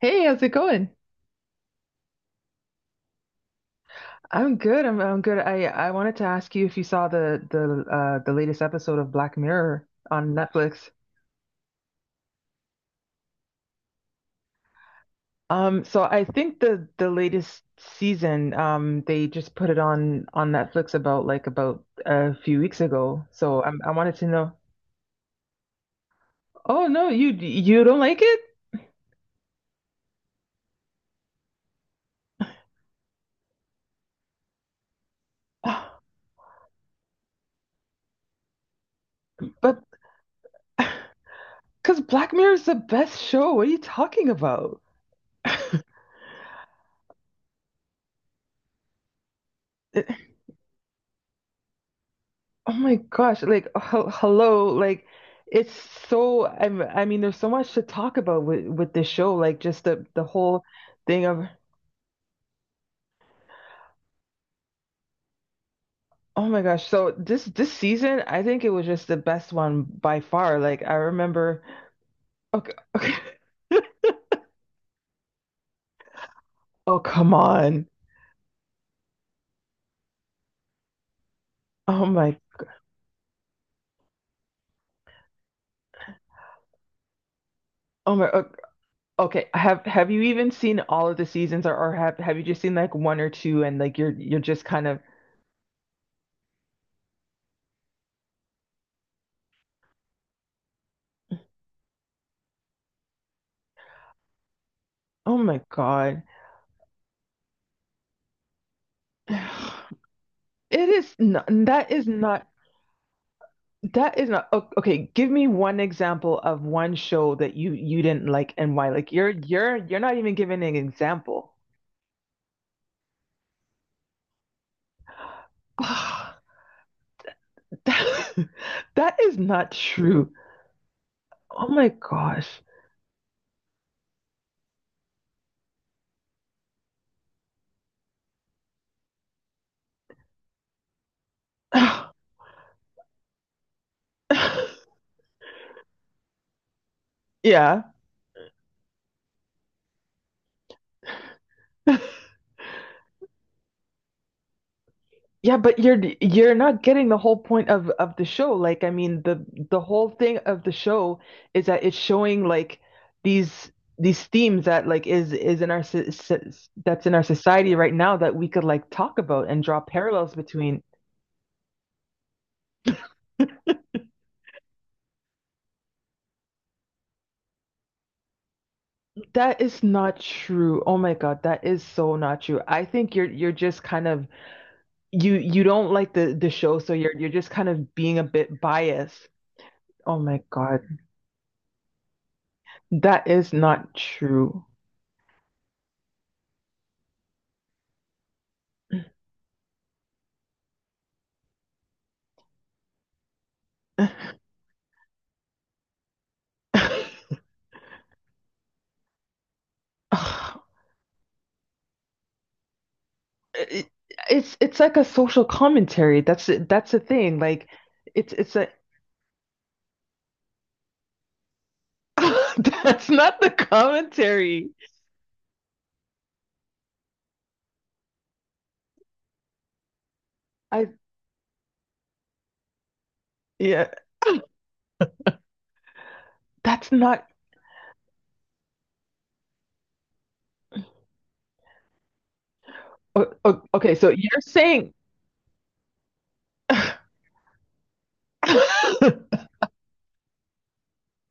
Hey, how's it going? I'm good. I'm good. I wanted to ask you if you saw the latest episode of Black Mirror on Netflix. So I think the latest season, they just put it on Netflix about about a few weeks ago. So I wanted to know. Oh no, you don't like it? But Because Black Mirror is the best show. What are you talking about? Oh my gosh, like hello, like it's so there's so much to talk about with this show, like just the whole thing of oh my gosh. So this season, I think it was just the best one by far. Like I remember okay, okay. Oh come on. Oh my oh my okay. Have you even seen all of the seasons or have you just seen like one or two and like you're just kind of oh my God. It is not that is not okay. Give me one example of one show that you didn't like and why. Like you're not even giving an example. that, that is not true. Oh my gosh. Yeah. Yeah, but you're not getting the whole point of the show. The whole thing of the show is that it's showing like these these themes that is in our that's in our society right now that we could like talk about and draw parallels between. That is not true. Oh my God, that is so not true. I think you're just kind of you don't like the show, so you're just kind of being a bit biased. Oh my God, that is not true. it- it's like a social commentary. That's it. That's the thing. Like it's a that's not the commentary. I yeah, that's not okay, so you're saying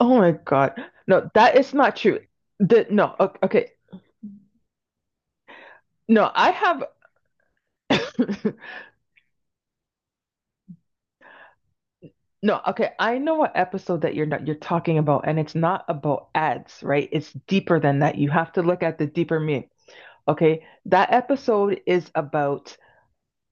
Oh my God. No, that is not true. The no, okay. No, I have No, okay. I know what episode that you're not you're talking about and it's not about ads, right? It's deeper than that. You have to look at the deeper meaning. Okay. That episode is about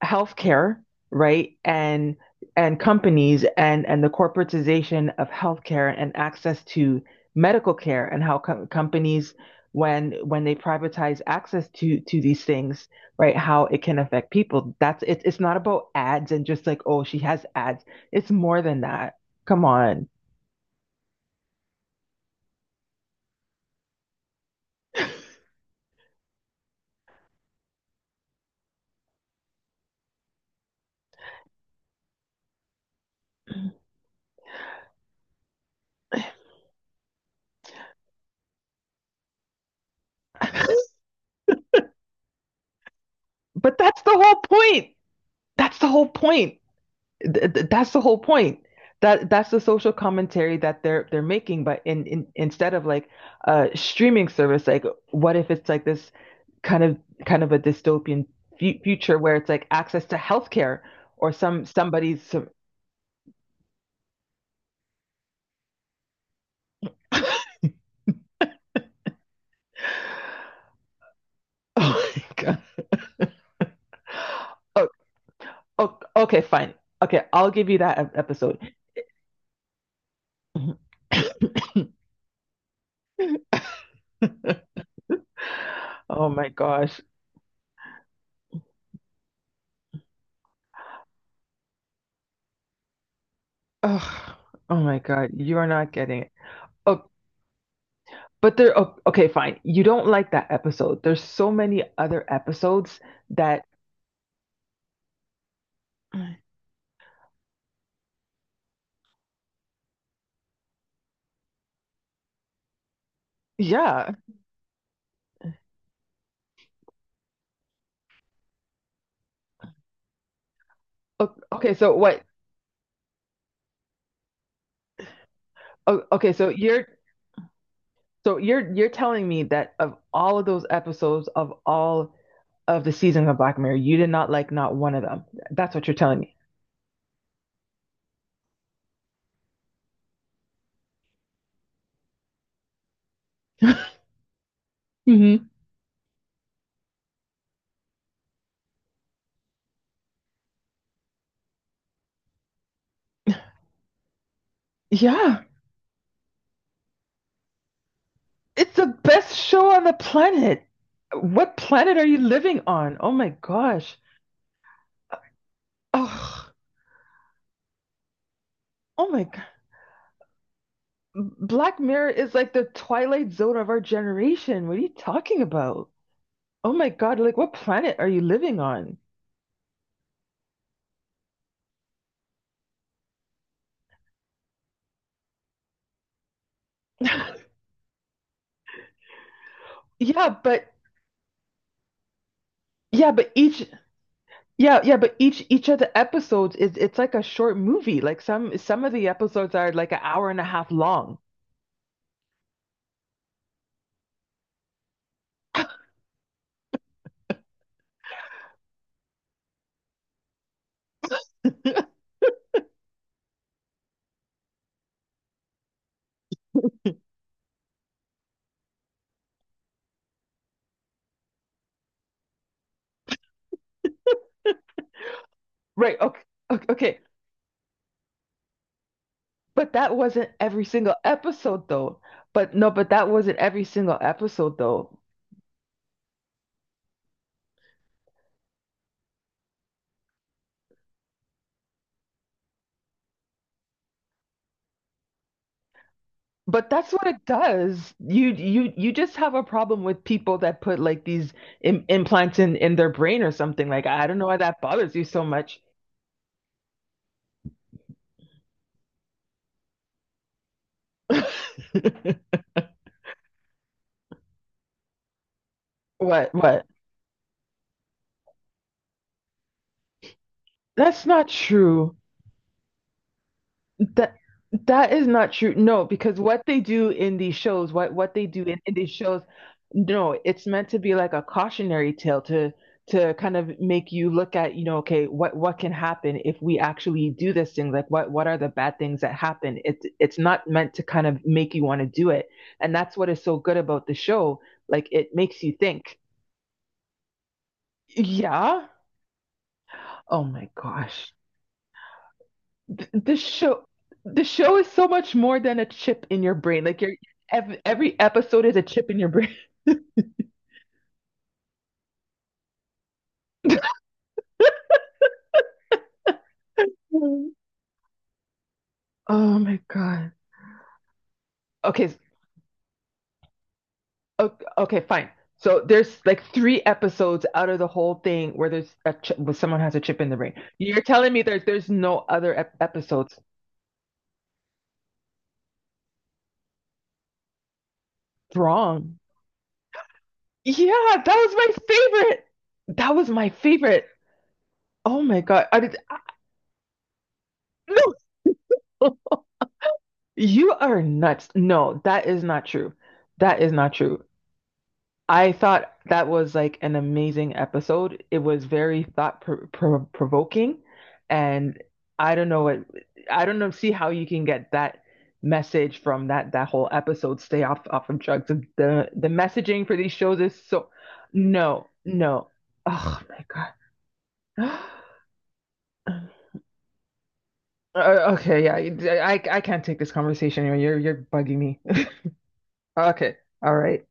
healthcare, right? And companies and the corporatization of healthcare and access to medical care and how companies when they privatize access to these things, right? How it can affect people. That's it. It's not about ads and just like, oh, she has ads. It's more than that. Come on. But that's the whole point. That's the whole point. That's the whole point. That's the social commentary that they're making, but in instead of like a streaming service, like what if it's like this kind of kind of a dystopian fu future where it's like access to healthcare or some oh my God. Oh, oh, okay, fine. Okay, I'll give you that episode. Oh my gosh. Oh, oh my God, you are not getting it. Oh, oh, okay, fine. You don't like that episode. There's so many other episodes that, yeah. O- Okay, so what? Okay, so you're telling me that of all of those episodes of all of the seasons of Black Mirror, you did not like not one of them. That's what you're telling me. hmm Yeah, it's the best show on the planet. What planet are you living on? Oh my gosh. Oh, oh my Black Mirror is like the Twilight Zone of our generation. What are you talking about? Oh my God, like what planet are you living on? Yeah, but yeah, but each yeah, but each of the episodes is it's like a short movie. Like some of the episodes are like an hour and a half long. Right. Okay. Okay. okay. But that wasn't every single episode though. But no, but that wasn't every single episode though. But that's what it does. You just have a problem with people that put like these Im implants in their brain or something. Like I don't know why that bothers you so much. What? That's not true. That that is not true. No, because what they do in these shows, what they do in these shows, no, it's meant to be like a cautionary tale to kind of make you look at, you know, okay, what can happen if we actually do this thing? Like what are the bad things that happen? It's not meant to kind of make you want to do it. And that's what is so good about the show. Like it makes you think. Yeah. Oh my gosh. Th- this show the show is so much more than a chip in your brain. Like your every episode is a chip in your brain. Oh my God. Okay, okay, fine. So there's like three episodes out of the whole thing where there's a chip, where someone has a chip in the brain. You're telling me there's no other ep episodes. Wrong. Yeah, that was my favorite. That was my favorite. Oh my God. No. You are nuts. No, that is not true. That is not true. I thought that was like an amazing episode. It was very thought provoking, and I don't know what I don't know see how you can get that message from that whole episode. Stay off of drugs. Messaging for these shows is so no no. Oh my God. Okay, yeah, I can't take this conversation anymore. You're bugging me. Okay, all right.